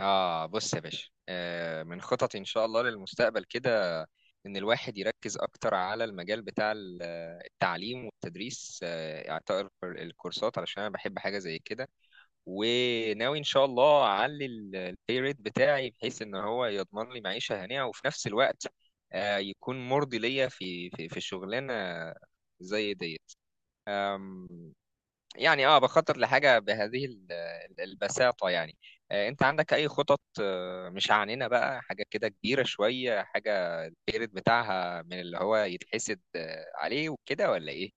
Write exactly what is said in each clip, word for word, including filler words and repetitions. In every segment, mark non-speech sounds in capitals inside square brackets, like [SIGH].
آه بص يا باشا، آه من خططي إن شاء الله للمستقبل كده، إن الواحد يركز أكتر على المجال بتاع ال- التعليم والتدريس، آه إعطاء الكور- الكورسات علشان أنا بحب حاجة زي كده. وناوي إن شاء الله أعلي البي ريت بتاعي بحيث إن هو يضمن لي معيشة هنية، وفي نفس الوقت آه يكون مرضي ليا في في في شغلانة زي ديت. يعني اه بخطط لحاجة بهذه ال- ال- البساطة يعني. آه، انت عندك اي خطط؟ آه، مش عنينا بقى حاجة كده كبيرة شوية، حاجة البيرد بتاعها من اللي هو يتحسد آه، عليه وكده، ولا ايه؟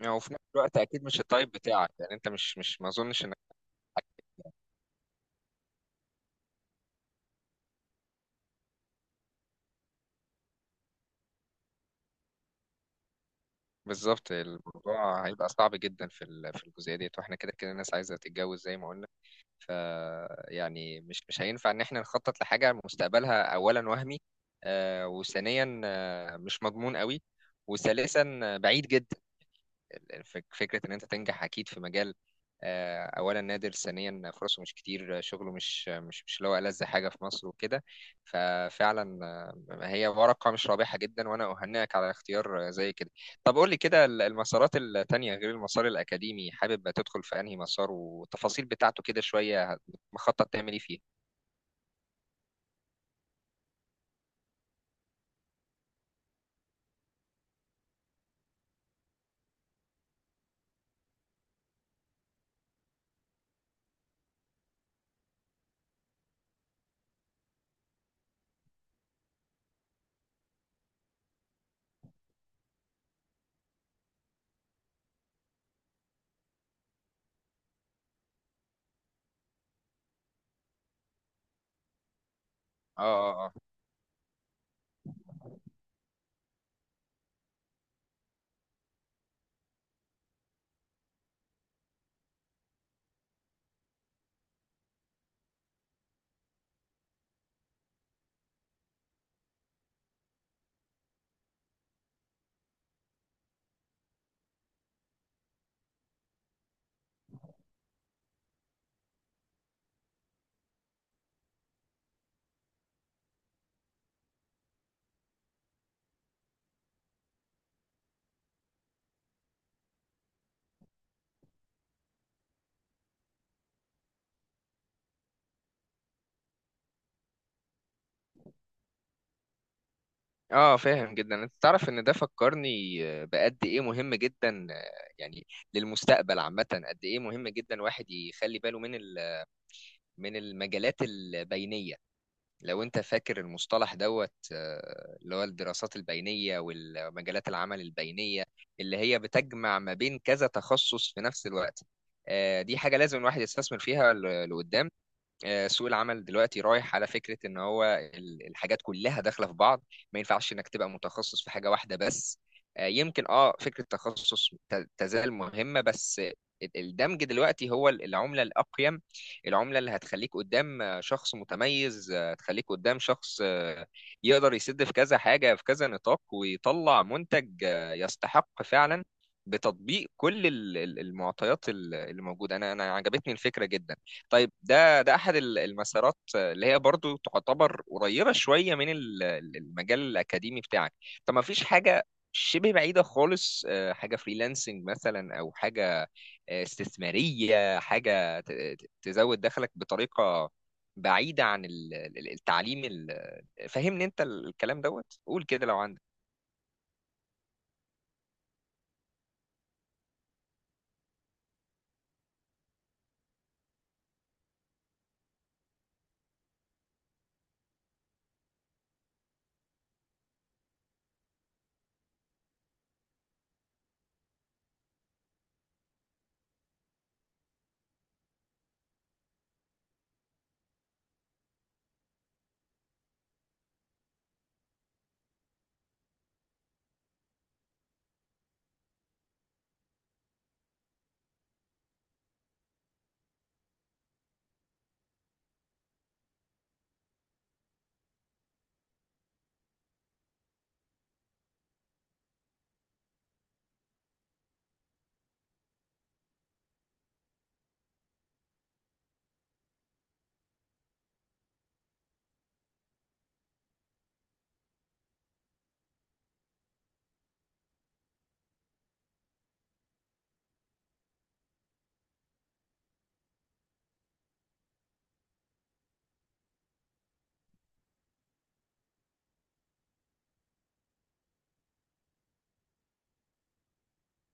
يعني وفي نفس الوقت اكيد مش التايب بتاعك، يعني انت مش مش ما اظنش انك. بالظبط الموضوع هيبقى صعب جدا في ال- في الجزئية ديت، واحنا كده كده الناس عايزة تتجوز زي ما قلنا. ف يعني مش مش هينفع ان احنا نخطط لحاجه مستقبلها اولا وهمي، آه، وثانيا آه، مش مضمون قوي، وثالثا آه، بعيد جدا. الفك- فكرة إن أنت تنجح أكيد في مجال، آه، أولا نادر، ثانيا فرصه مش كتير، آه، شغله مش مش مش اللي هو ألذ حاجة في مصر وكده. ففعلا آه، هي ورقة مش رابحة جدا، وأنا أهنئك على اختيار آه، زي كده. طب قول لي كده ال- المسارات التانية غير المسار الأكاديمي، حابب تدخل في أنهي مسار؟ والتفاصيل بتاعته كده شوية، هت- مخطط تعمل إيه فيه؟ آه آه آه اه فاهم جدا. انت تعرف ان ده فكرني آه، بقد ايه مهم جدا، آه، يعني للمستقبل عامه، قد ايه مهم جدا الواحد يخلي باله من ال- من المجالات البينيه. لو انت فاكر المصطلح دوت آه، اللي هو الدراسات البينيه والمجالات العمل البينيه، اللي هي بتجمع ما بين كذا تخصص في نفس الوقت. آه، دي حاجه لازم الواحد يستثمر فيها ل- لقدام. آه، سوق العمل دلوقتي رايح على فكرة ان هو ال- الحاجات كلها داخلة في بعض، ما ينفعش انك تبقى متخصص في حاجة واحدة بس. آه، يمكن اه فكرة التخصص ت- تزال مهمة، بس ال- الدمج دلوقتي هو ال- العملة الأقيم. العملة اللي هتخليك قدام آه، شخص متميز، آه، هتخليك قدام شخص آه، يقدر يسد في كذا حاجة في كذا نطاق، ويطلع منتج آه، يستحق فعلا بتطبيق كل ال- ال- المعطيات ال- اللي موجودة. أنا أنا عجبتني الفكرة جدا. طيب ده ده احد ال- المسارات اللي هي برضو تعتبر قريبه شويه من ال- ال- المجال الاكاديمي بتاعك. طب ما فيش حاجه شبه بعيده خالص؟ آه، حاجه فريلانسنج مثلا، او حاجه آه، استثماريه، حاجه ت- ت- تزود دخلك بطريقه بعيده عن ال- ال- التعليم ال- فهمني انت الكلام دوت، قول كده لو عندك.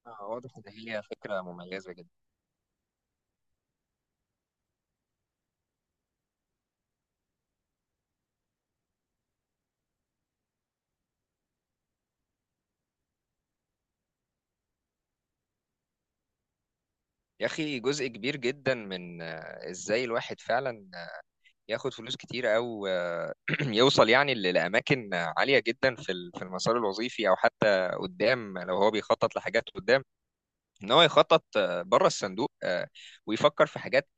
آه، واضح ان هي فكره مميزه جدا. يا اخي جزء كبير جدا من آه، ازاي الواحد فعلا ياخد فلوس كتير، او [CLEARS THROAT] يوصل يعني ل- لأماكن عالية جدا في ال- في المسار الوظيفي، أو حتى قدام لو هو بيخطط لحاجات قدام، ان هو يخطط آه، بره الصندوق، آه، ويفكر في حاجات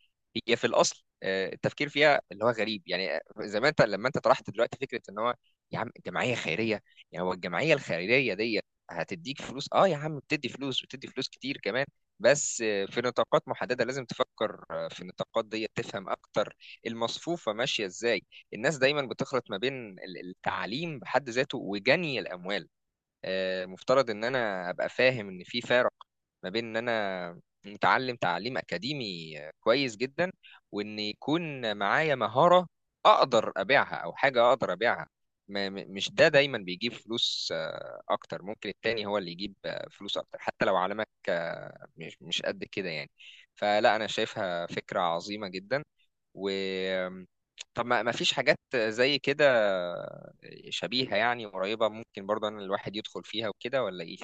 هي في الاصل آه، التفكير فيها اللي هو غريب يعني. آه، زي ما انت لما انت طرحت دلوقتي فكره ان هو يا عم جمعيه خيريه. يعني هو الجمعيه الخيريه دي هتديك فلوس؟ اه يا عم، بتدي فلوس، بتدي فلوس كتير كمان، بس آه، في نطاقات محدده لازم تفكر آه، في النطاقات دي تفهم اكتر المصفوفه ماشيه ازاي. الناس دايما بتخلط ما بين ال- التعليم بحد ذاته وجني الاموال. آه، مفترض ان انا ابقى فاهم ان في فارق ما بين ان انا متعلم تعليم اكاديمي آه، كويس جدا، وان يكون معايا مهارة اقدر ابيعها، او حاجة اقدر ابيعها. ما- م- مش ده دايما بيجيب فلوس، آه، اكتر ممكن التاني هو اللي يجيب آه، فلوس اكتر حتى لو علمك آه، مش مش قد كده يعني. فلا، انا شايفها فكرة عظيمة جدا. و طب ما ما فيش حاجات زي كده شبيهة يعني قريبة، ممكن برضه ان الواحد يدخل فيها وكده، ولا ايه؟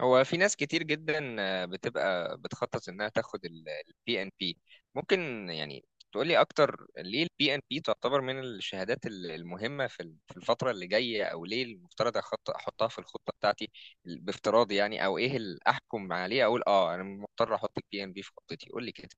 هو في ناس كتير جدا بتبقى بتخطط انها تاخد البي ان بي. ممكن يعني تقولي اكتر ليه البي ان بي تعتبر من الشهادات ال- المهمة في ال- في الفترة اللي جاية، او ليه المفترض أخط- احطها في الخطة بتاعتي بافتراضي يعني؟ او ايه اللي احكم عليه اقول اه انا مضطر احط البي ان بي في خطتي؟ قولي كده.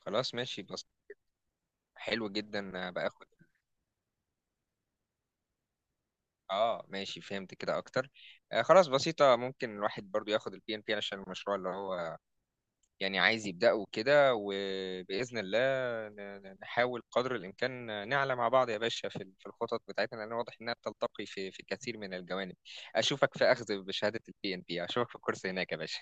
خلاص ماشي، حلو جدا آه، باخد. اه ماشي، فهمت كده اكتر. آه خلاص بسيطة، ممكن الواحد برضو ياخد البي ان بي عشان المشروع اللي هو يعني عايز يبدأه كده، وبإذن الله ن- ن- نحاول قدر الإمكان نعلى مع بعض يا باشا في ال- في الخطط بتاعتنا، لأن واضح إنها بتلتقي في في كثير من الجوانب. أشوفك في أخذ بشهادة البي ان بي، أشوفك في الكورس هناك يا باشا.